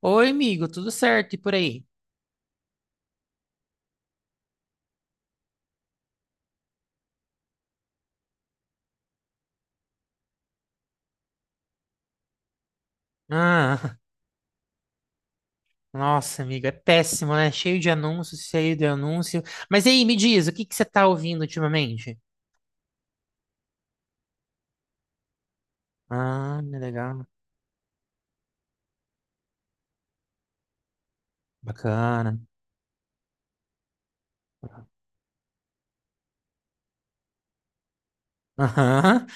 Oi, amigo, tudo certo? E por aí? Ah, nossa, amigo, é péssimo, né? Cheio de anúncios, cheio de anúncio. Mas e aí, me diz, o que que você tá ouvindo ultimamente? Ah, legal. Bacana. Aham,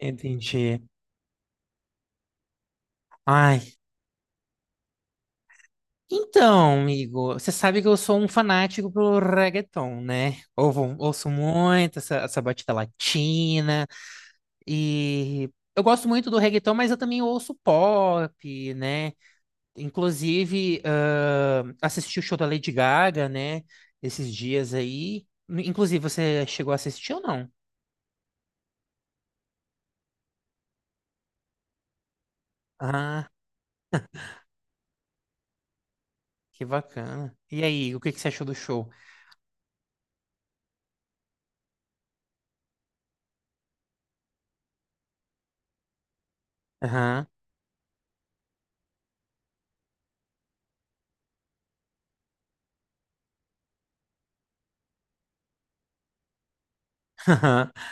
entendi. Ai, então, amigo, você sabe que eu sou um fanático pelo reggaeton, né? Ouvo, ouço muito essa batida latina e eu gosto muito do reggaeton, mas eu também ouço pop, né? Inclusive, assisti o show da Lady Gaga, né? Esses dias aí. Inclusive, você chegou a assistir ou não? Ah, que bacana. E aí, o que que você achou do show? Aham.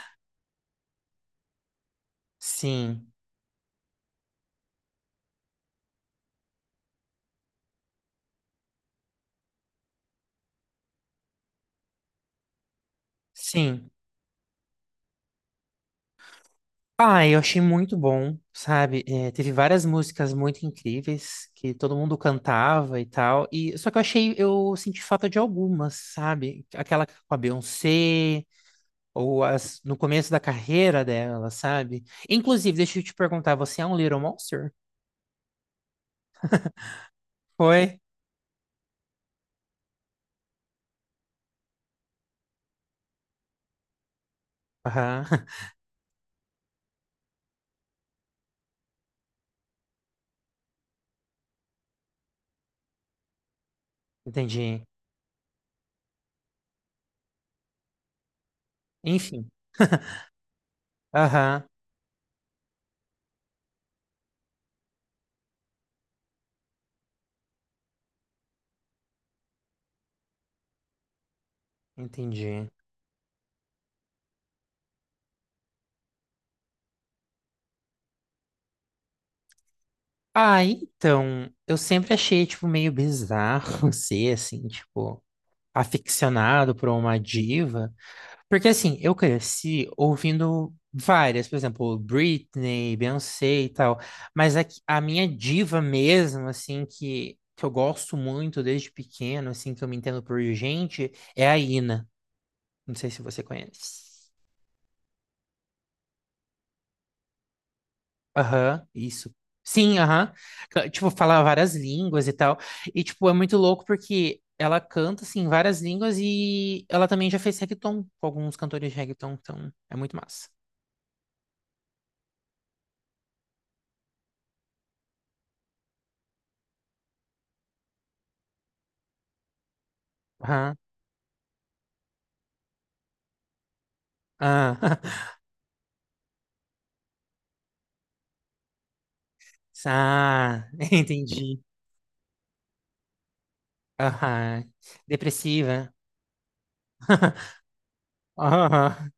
Sim, sim. Ah, eu achei muito bom, sabe? É, teve várias músicas muito incríveis que todo mundo cantava e tal. E só que eu achei, eu senti falta de algumas, sabe? Aquela com a Beyoncé, ou as, no começo da carreira dela, sabe? Inclusive, deixa eu te perguntar, você é um Little Monster? Foi? Aham, entendi. Enfim, aham, entendi. Ah, então, eu sempre achei, tipo, meio bizarro ser, assim, tipo, aficionado por uma diva. Porque assim, eu cresci ouvindo várias, por exemplo, Britney, Beyoncé e tal, mas a, que- a minha diva mesmo, assim, que eu gosto muito desde pequeno, assim, que eu me entendo por gente, é a Ina. Não sei se você conhece. Aham, isso. Sim, aham. Ca- Tipo, fala várias línguas e tal. E, tipo, é muito louco porque ela canta, assim, várias línguas e ela também já fez reggaeton com alguns cantores de reggaeton, então é muito massa. Aham. Ah. Ah, entendi. Aham. Depressiva. Aham.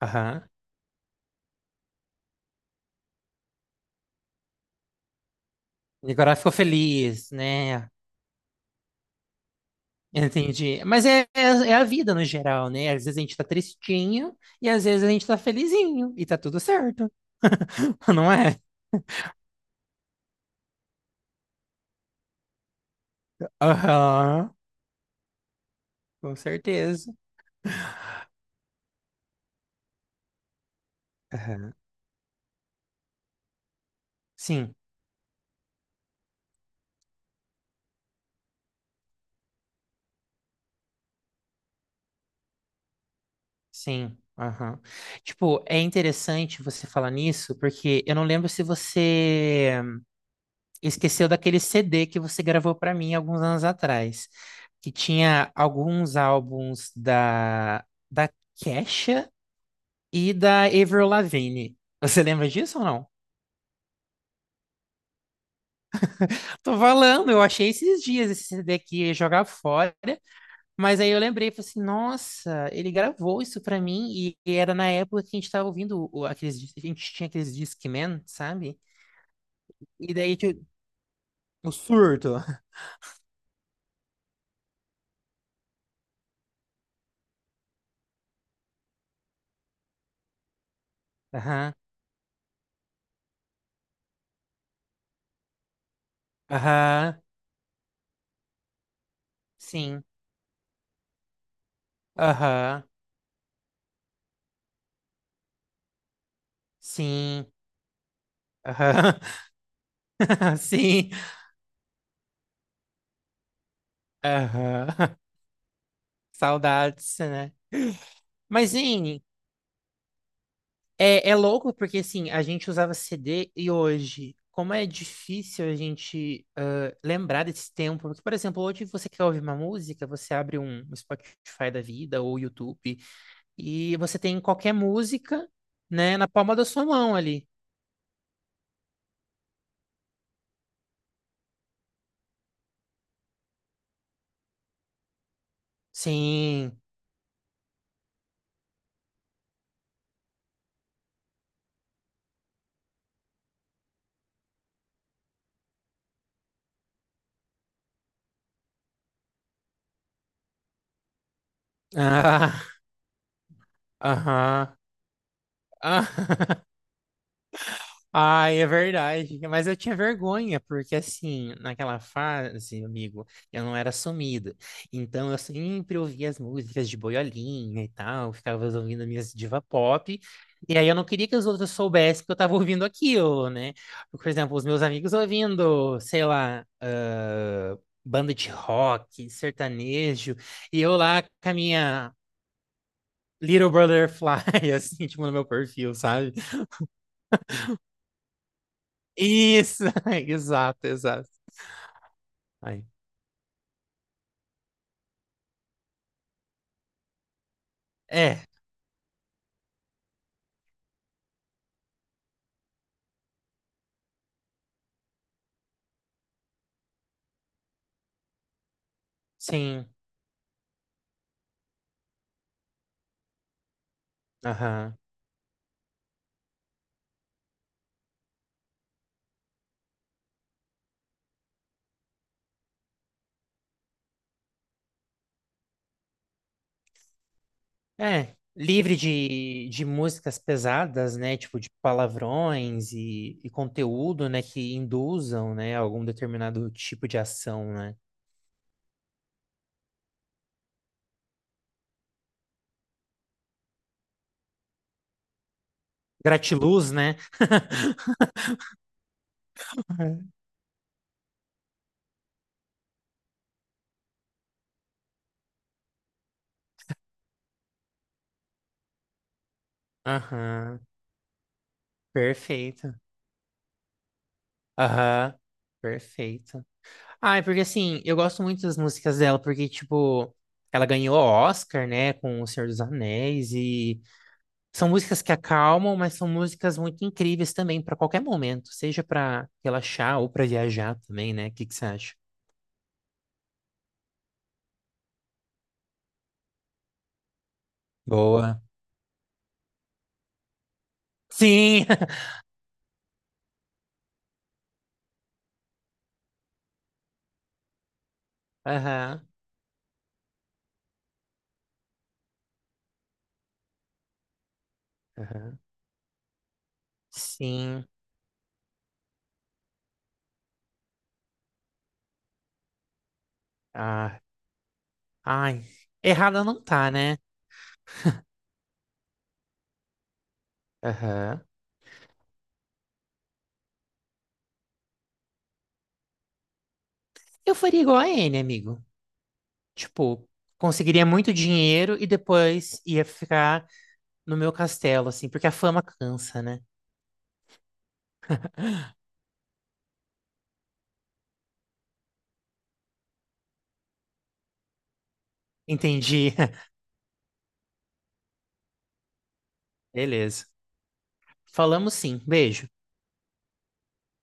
Aham. E agora ficou feliz, né? Entendi. Mas é a vida no geral, né? Às vezes a gente tá tristinho e às vezes a gente tá felizinho e tá tudo certo. Não é? Aham. Com certeza. Aham. Sim, sim. Aham. Tipo, é interessante você falar nisso, porque eu não lembro se você esqueceu daquele CD que você gravou para mim alguns anos atrás, que tinha alguns álbuns da Kesha e da Avril Lavigne. Você lembra disso ou não? Tô falando, eu achei esses dias esse CD aqui, ia jogar fora, mas aí eu lembrei, falei assim, nossa, ele gravou isso pra mim, e era na época que a gente tava ouvindo o- aqueles, dis- a gente tinha aqueles Discman, sabe? E daí que- o surto. Aham, aham, sim, aham, sim. Aham. Sim. Aham. Saudades, né? Mas, sim, é louco porque, assim, a gente usava CD e hoje, como é difícil a gente lembrar desse tempo. Porque, por exemplo, hoje você quer ouvir uma música, você abre um Spotify da vida ou YouTube e você tem qualquer música, né, na palma da sua mão ali. Sim. Ah, aham. Ah. Ai, é verdade. Mas eu tinha vergonha, porque assim, naquela fase, amigo, eu não era sumido. Então eu sempre ouvia as músicas de boiolinha e tal, ficava ouvindo minhas diva pop. E aí eu não queria que os outros soubessem que eu tava ouvindo aquilo, né? Por exemplo, os meus amigos ouvindo, sei lá, ah, banda de rock, sertanejo, e eu lá com a minha Little Brotherfly, assim, tipo, no meu perfil, sabe? Isso, exato. Aí. É, sim. Aham. É, livre de músicas pesadas, né? Tipo, de palavrões e conteúdo, né? Que induzam, né? Algum determinado tipo de ação, né? Gratiluz, né? Aham. Perfeito. Aham. Perfeito. Ah, é porque assim, eu gosto muito das músicas dela, porque, tipo, ela ganhou o Oscar, né, com O Senhor dos Anéis, e são músicas que acalmam, mas são músicas muito incríveis também para qualquer momento, seja para relaxar ou para viajar também, né? O que que você acha? Boa. Sim. Aham. Aham. Sim. Ah. Ai. Errada não tá, né? Aham. Eu faria igual a N, amigo. Tipo, conseguiria muito dinheiro e depois ia ficar no meu castelo, assim, porque a fama cansa, né? Entendi. Beleza. Falamos sim. Beijo.